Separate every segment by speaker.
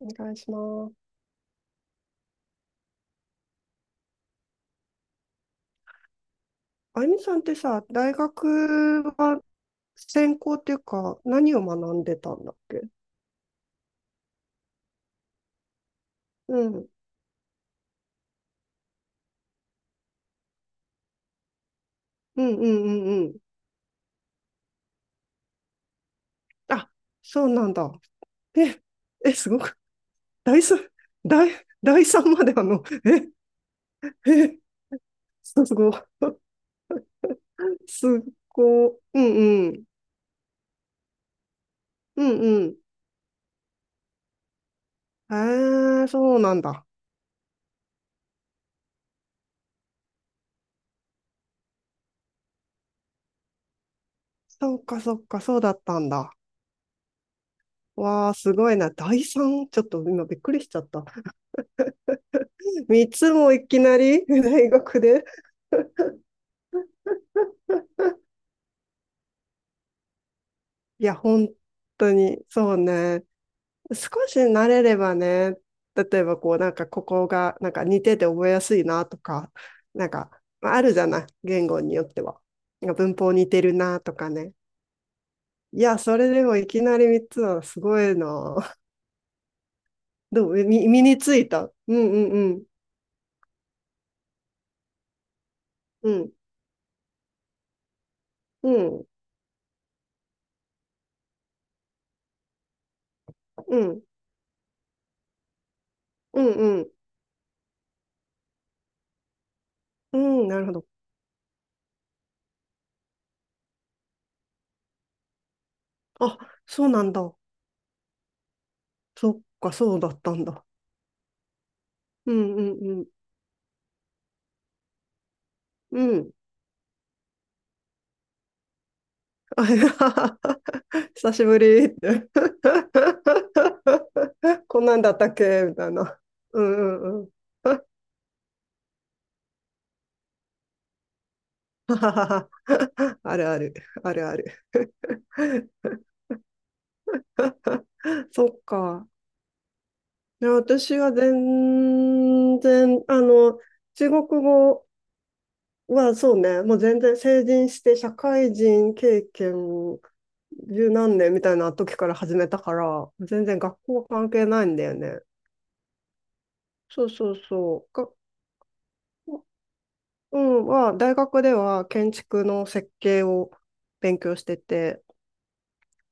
Speaker 1: お願いします。あゆみさんってさ、大学は専攻っていうか、何を学んでたんだっけ？うん。うんうんうんうん。あ、そうなんだ。え、すごく、第三、第、第三までえ、え、すごい、すごい、うんうん、うんうん。そうなんだ。そっかそっか、そうだったんだ。わあ、すごいな。第三ちょっと今びっくりしちゃった。三つもいきなり 大学で。いや、本当に、そうね。少し慣れればね、例えばこう、なんかここが、なんか似てて覚えやすいなとか、なんか、まああるじゃない、言語によっては。なんか文法似てるなとかね。いや、それでもいきなり3つはすごいな。どうみ身についた？うんうんうん。うんうんうんうんうん。なるほど。あ、そうなんだ。そっか、そうだったんだ。うんうんうん。うん。久しぶりって こんなんだったっけみたいな。うんうんうん。あるある、あるある。そっか。いや私は全然、中国語はそうね、もう全然成人して社会人経験十何年みたいな時から始めたから、全然学校は関係ないんだよね。そうそうそう。うん、まあ、大学では建築の設計を勉強してて、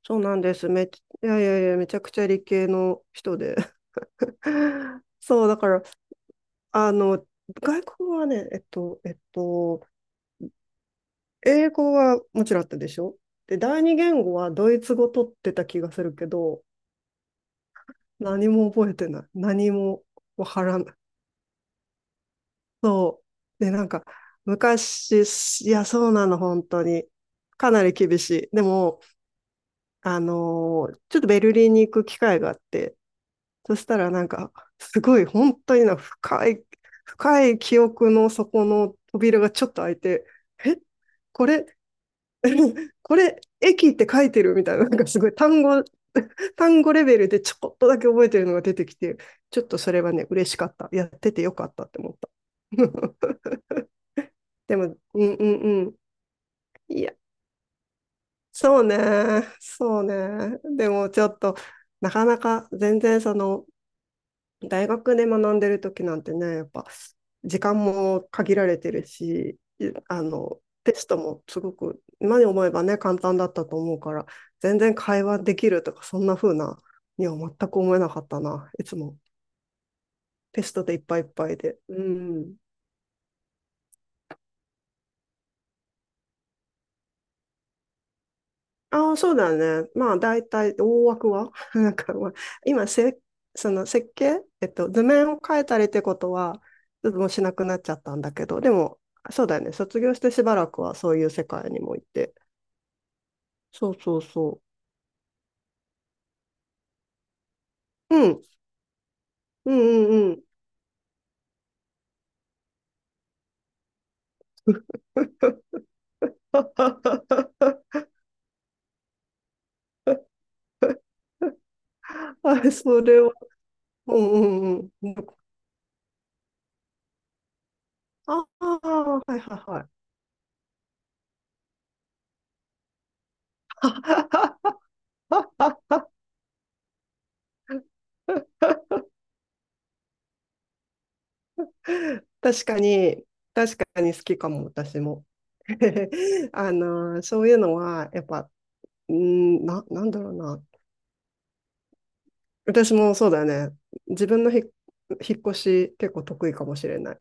Speaker 1: そうなんです。めっち、いやいやいや、めちゃくちゃ理系の人で。そう、だから、あの、外国はね、英語はもちろんあったでしょ？で、第二言語はドイツ語取ってた気がするけど、何も覚えてない。何もわからない。そう。で、なんか、昔、いや、そうなの、本当に。かなり厳しい。でも、ちょっとベルリンに行く機会があって、そしたらなんか、すごい本当にな深い、深い記憶の底の扉がちょっと開いて、え、これ、これ、駅って書いてるみたいな、なんかすごい単語レベルでちょこっとだけ覚えてるのが出てきて、ちょっとそれはね、嬉しかった。やっててよかったって思った。でも、うんうんうん。いや、そうね、そうね。でもちょっと、なかなか全然その、大学で学んでる時なんてね、やっぱ時間も限られてるし、いあの、テストもすごく、今に思えばね、簡単だったと思うから、全然会話できるとか、そんな風なには全く思えなかったな。いつもテストでいっぱいいっぱいで。うん。ああ、そうだね。まあ、大体、大枠は なんか、まあ、今せ、その設計、図面を変えたりってことは、ちょっともうしなくなっちゃったんだけど、でも、そうだよね。卒業してしばらくはそういう世界にも行って。そうそうそう。うん、うんうんうん。あ、それは、うんうんうん。ああ、はいはいはい。確かに、確かに好きかも、私も。そういうのは、やっぱ、うん、なんだろうな。私もそうだよね。自分の引っ越し結構得意かもしれない。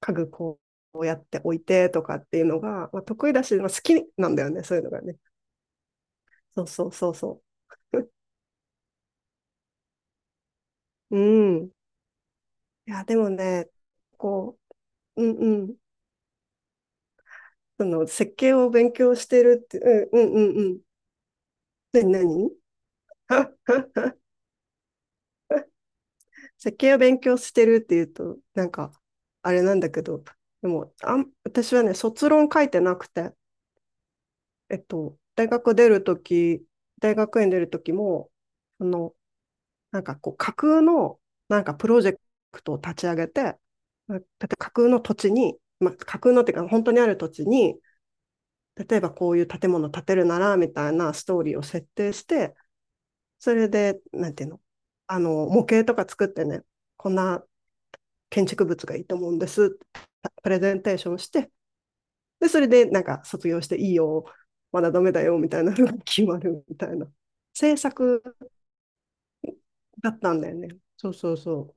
Speaker 1: 家具こうやって置いてとかっていうのが、まあ、得意だし、まあ、好きなんだよね、そういうのがね。そうそうそうそう。うん。いや、でもね、こう、うんうん。その設計を勉強してるって、うんうんうんうん。何何 設計を勉強してるっていうと、なんか、あれなんだけど、でも、私はね、卒論書いてなくて、大学出るとき、大学院出るときも、あの、なんかこう、架空の、なんかプロジェクトを立ち上げて、例えば架空の土地に、まあ、架空のっていうか、本当にある土地に、例えばこういう建物建てるなら、みたいなストーリーを設定して、それで、なんていうの、模型とか作ってね、こんな建築物がいいと思うんです。プレゼンテーションして、で、それでなんか卒業していいよ、まだダメだよみたいなのが決まるみたいな。制作だったんだよね。そうそうそ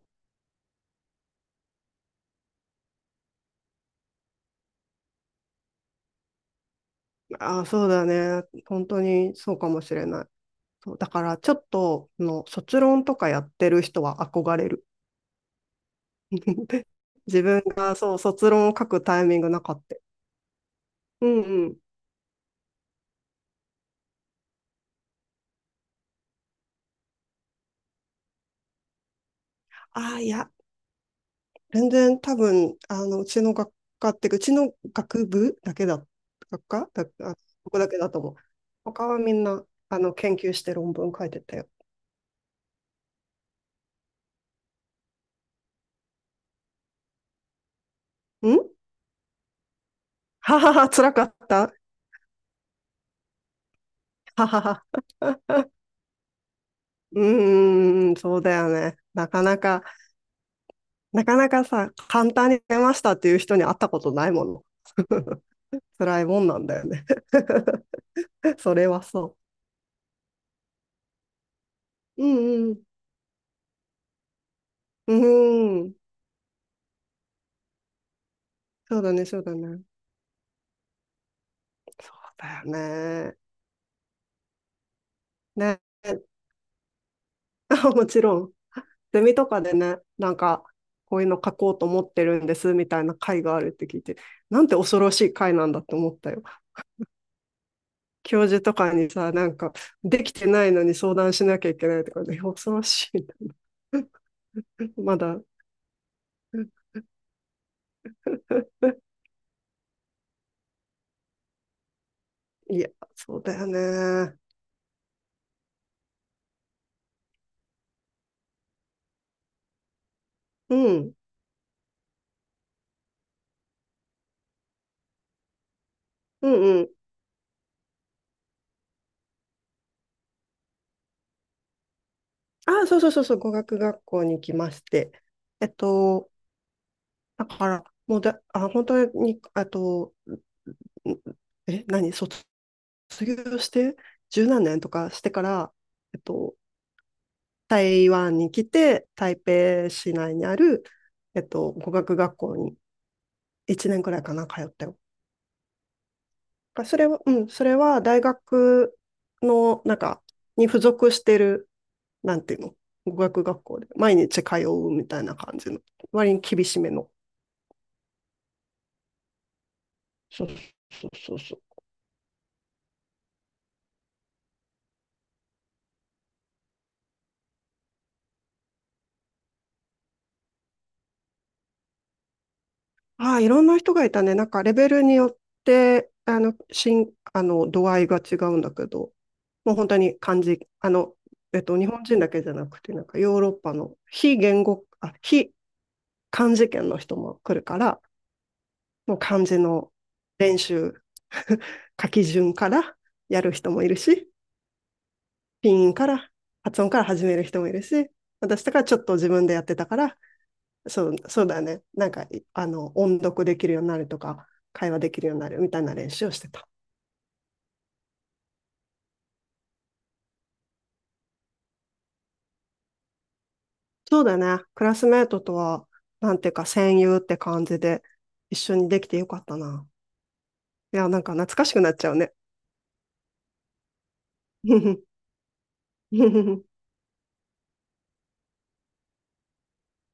Speaker 1: う。ああ、そうだね。本当にそうかもしれない。そうだからちょっとの卒論とかやってる人は憧れる。自分がそう卒論を書くタイミングなかった。うんうん。ああ、いや、全然多分、うちの学科っていうか、うちの学部だけだ、学科だ、あ、ここだけだと思う。他はみんな、研究して論文書いてたよ。んははは、辛かったははは。うーん、そうだよね。なかなかさ、簡単に出ましたっていう人に会ったことないもの。辛いもんなんだよね。それはそう。うんうん。うん。そうだね、そうだね。そうだよね。ね。もちろん、ゼミとかでね、なんか、こういうの書こうと思ってるんですみたいな会があるって聞いて、なんて恐ろしい会なんだって思ったよ。教授とかにさ、なんか、できてないのに相談しなきゃいけないとかね、恐ろしいな。まだ。いや、そうだよね。うん、うんうん。あ、そうそうそうそう、語学学校に来まして。えっと、だから、もうだ、あ、本当に、あと、ん何、卒業して十何年とかしてから、えっと、台湾に来て、台北市内にある、語学学校に1年くらいかな、通ったよ。それは、うん、それは大学の、なんか、に付属してる、なんていうの、語学学校で、毎日通うみたいな感じの、割に厳しめの。そうそうそうそう。ああ、いろんな人がいたね。なんかレベルによって、あの、しん、あの、度合いが違うんだけど、もう本当に漢字、日本人だけじゃなくて、なんかヨーロッパの非言語、あ、非漢字圏の人も来るから、もう漢字の練習、書き順からやる人もいるし、ピンから、発音から始める人もいるし、私とかちょっと自分でやってたから、そう、そうだね。なんか、いあの、音読できるようになるとか、会話できるようになるみたいな練習をしてた。そうだね。クラスメートとは、なんていうか、戦友って感じで、一緒にできてよかったな。いや、なんか懐かしくなっちゃうね。